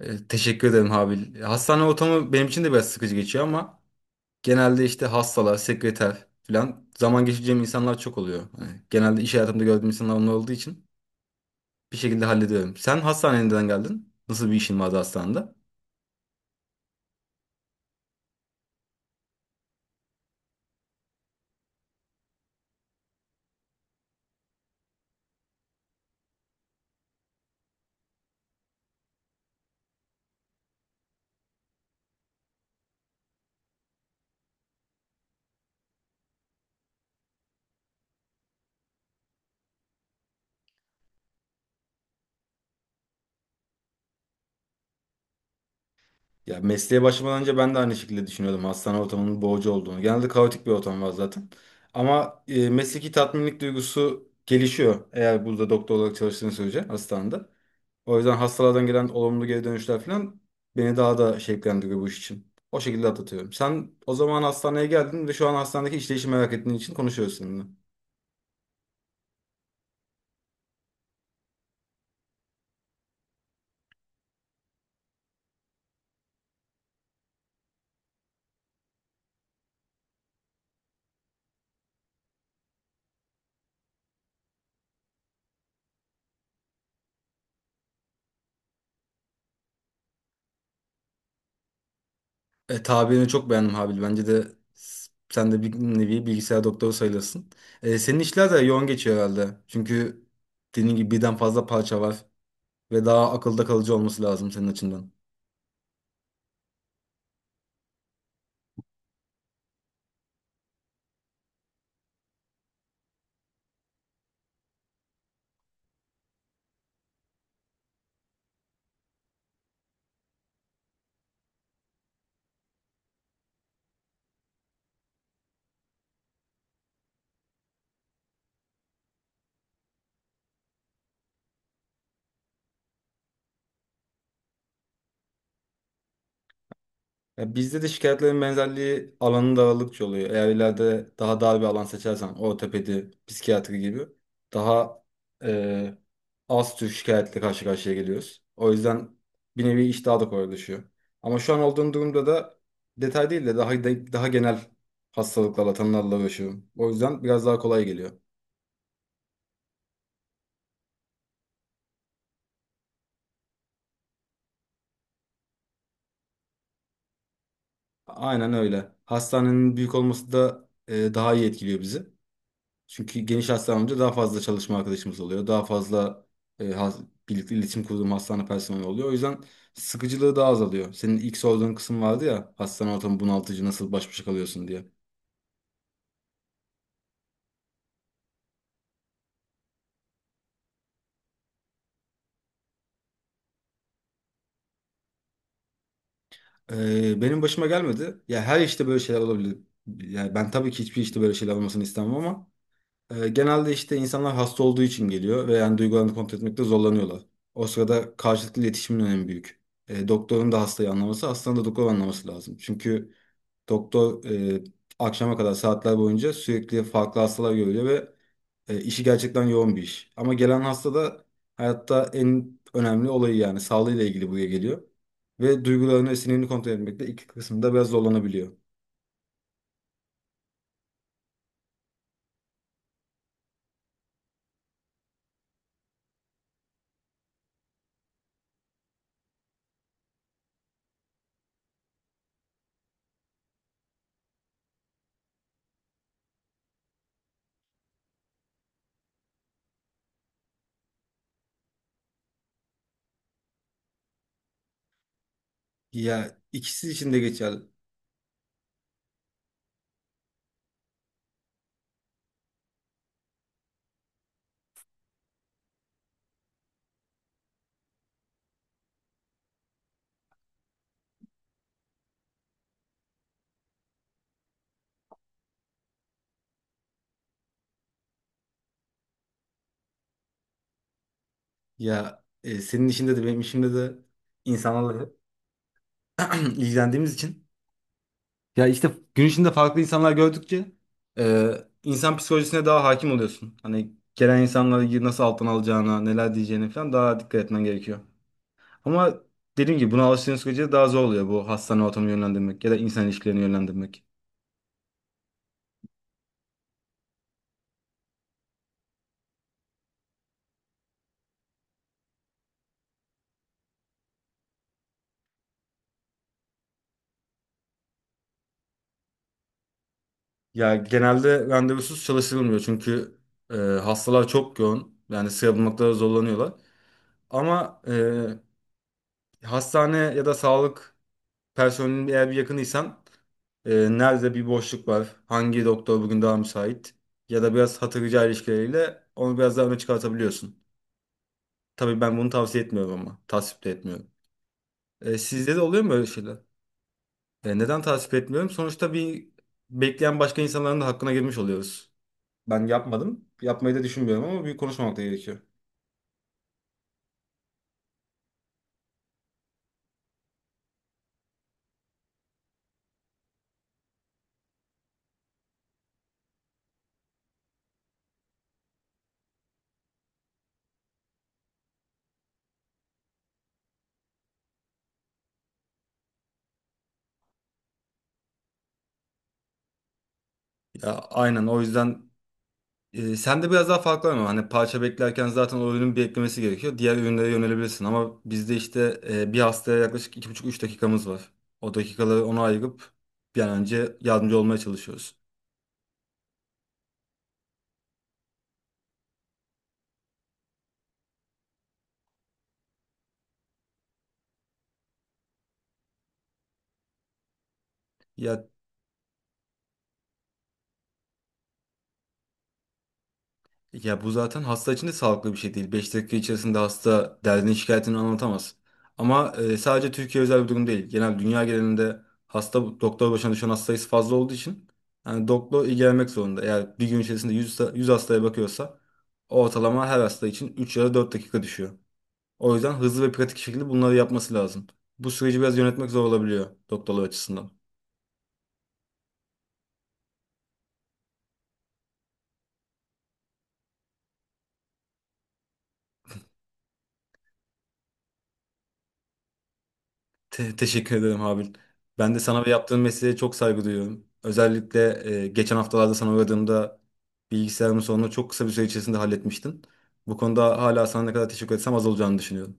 Teşekkür ederim Habil. Hastane ortamı benim için de biraz sıkıcı geçiyor ama genelde işte hastalar, sekreter falan zaman geçireceğim insanlar çok oluyor. Hani genelde iş hayatımda gördüğüm insanlar onlar olduğu için bir şekilde hallediyorum. Sen hastaneye neden geldin? Nasıl bir işin vardı hastanede? Ya mesleğe başlamadan önce ben de aynı şekilde düşünüyordum hastane ortamının boğucu olduğunu. Genelde kaotik bir ortam var zaten. Ama mesleki tatminlik duygusu gelişiyor eğer burada doktor olarak çalıştığın sürece hastanede. O yüzden hastalardan gelen olumlu geri dönüşler falan beni daha da şevklendiriyor bu iş için. O şekilde atlatıyorum. Sen o zaman hastaneye geldin ve şu an hastanedeki işleyişi merak ettiğin için konuşuyoruz seninle. Tabirini çok beğendim Habil. Bence de sen de bir nevi bilgisayar doktoru sayılırsın. Senin işler de yoğun geçiyor herhalde. Çünkü dediğin gibi birden fazla parça var ve daha akılda kalıcı olması lazım senin açından. Ya bizde de şikayetlerin benzerliği alanı daralıkça oluyor. Eğer ileride daha dar bir alan seçersen ortopedi, psikiyatri gibi daha e, az tür şikayetle karşı karşıya geliyoruz. O yüzden bir nevi iş daha da kolaylaşıyor. Ama şu an olduğum durumda da detay değil de daha genel hastalıklarla, tanılarla uğraşıyorum. O yüzden biraz daha kolay geliyor. Aynen öyle. Hastanenin büyük olması da daha iyi etkiliyor bizi. Çünkü geniş hastanemde daha fazla çalışma arkadaşımız oluyor. Daha fazla e, has- birlikte iletişim kurduğum hastane personeli oluyor. O yüzden sıkıcılığı daha azalıyor. Senin ilk sorduğun kısım vardı ya hastane ortamı bunaltıcı nasıl baş başa kalıyorsun diye. Benim başıma gelmedi. Ya her işte böyle şeyler olabilir. Yani ben tabii ki hiçbir işte böyle şeyler olmasını istemem ama genelde işte insanlar hasta olduğu için geliyor ve yani duygularını kontrol etmekte zorlanıyorlar. O sırada karşılıklı iletişimin önemi büyük. Doktorun da hastayı anlaması, hastanın da doktoru anlaması lazım. Çünkü doktor e, akşama kadar saatler boyunca sürekli farklı hastalar görüyor ve işi gerçekten yoğun bir iş. Ama gelen hasta da hayatta en önemli olayı yani sağlığıyla ilgili buraya geliyor. Ve duygularını ve sinirini kontrol etmekte iki kısımda biraz zorlanabiliyor. Ya ikisi için de geçer. Ya senin işinde de benim işimde de insanlarla ilgilendiğimiz için. Ya işte gün içinde farklı insanlar gördükçe e, insan psikolojisine daha hakim oluyorsun. Hani gelen insanları nasıl alttan alacağına, neler diyeceğine falan daha dikkat etmen gerekiyor. Ama dediğim gibi buna alıştığın sürece daha zor oluyor bu hastane ortamını yönlendirmek ya da insan ilişkilerini yönlendirmek. Ya genelde randevusuz çalışılmıyor çünkü hastalar çok yoğun. Yani sıra bulmakta zorlanıyorlar. Ama hastane ya da sağlık personelin eğer bir yakınıysan, e, nerede bir boşluk var, hangi doktor bugün daha müsait ya da biraz hatır rica ilişkileriyle onu biraz daha öne çıkartabiliyorsun. Tabii ben bunu tavsiye etmiyorum ama tasvip de etmiyorum. Sizde de oluyor mu böyle şeyler? Neden tasvip etmiyorum? Sonuçta bir bekleyen başka insanların da hakkına girmiş oluyoruz. Ben yapmadım. Yapmayı da düşünmüyorum ama bir konuşmamak da gerekiyor. Ya aynen o yüzden. Sen de biraz daha farklı ama hani parça beklerken zaten o ürünün bir eklemesi gerekiyor. Diğer ürünlere yönelebilirsin ama bizde işte bir hastaya yaklaşık 2,5-3 dakikamız var. O dakikaları ona ayırıp bir an önce yardımcı olmaya çalışıyoruz. Ya Ya bu zaten hasta için de sağlıklı bir şey değil. 5 dakika içerisinde hasta derdini şikayetini anlatamaz. Ama sadece Türkiye özel bir durum değil. Genel dünya genelinde hasta doktor başına düşen hasta sayısı fazla olduğu için yani doktor ilgilenmek zorunda. Eğer bir gün içerisinde 100 hastaya bakıyorsa ortalama her hasta için 3 ya da 4 dakika düşüyor. O yüzden hızlı ve pratik şekilde bunları yapması lazım. Bu süreci biraz yönetmek zor olabiliyor doktorlar açısından. Teşekkür ederim Habil. Ben de sana ve yaptığın mesleğe çok saygı duyuyorum. Özellikle geçen haftalarda sana uğradığımda bilgisayarımın sorununu çok kısa bir süre içerisinde halletmiştin. Bu konuda hala sana ne kadar teşekkür etsem az olacağını düşünüyorum.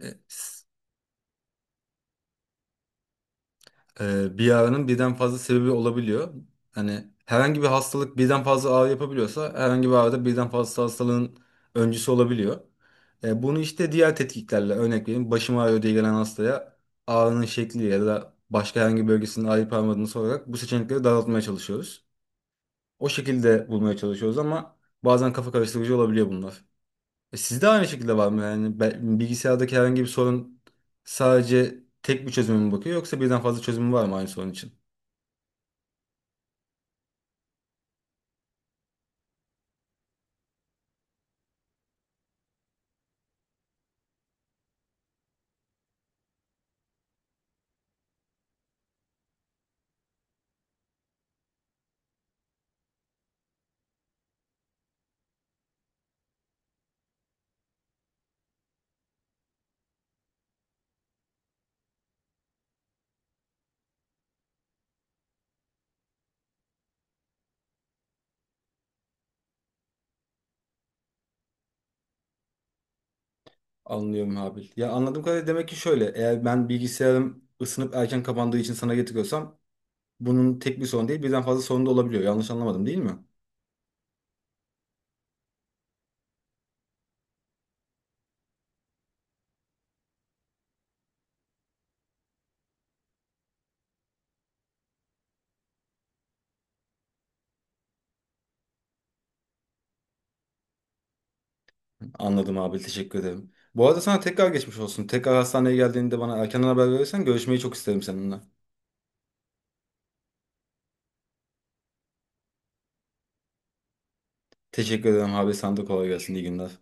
E, Bir ağrının birden fazla sebebi olabiliyor. Hani herhangi bir hastalık birden fazla ağrı yapabiliyorsa herhangi bir ağrıda birden fazla hastalığın öncüsü olabiliyor. Bunu işte diğer tetkiklerle örnek vereyim. Başım ağrıyor diye gelen hastaya ağrının şekli ya da başka herhangi bir bölgesinin ağrıyıp ağrımadığını sorarak bu seçenekleri daraltmaya çalışıyoruz. O şekilde bulmaya çalışıyoruz ama bazen kafa karıştırıcı olabiliyor bunlar. Sizde aynı şekilde var mı? Yani bilgisayardaki herhangi bir sorun sadece tek bir çözüme mi bakıyor yoksa birden fazla çözümü var mı aynı sorun için? Anlıyorum Habil. Ya anladığım kadarıyla demek ki şöyle. Eğer ben bilgisayarım ısınıp erken kapandığı için sana getiriyorsam bunun tek bir sorun değil birden fazla sorun da olabiliyor. Yanlış anlamadım değil mi? Anladım Habil. Teşekkür ederim. Bu arada sana tekrar geçmiş olsun. Tekrar hastaneye geldiğinde bana erkenden haber verirsen görüşmeyi çok isterim seninle. Teşekkür ederim Habil. Sana da kolay gelsin. İyi günler.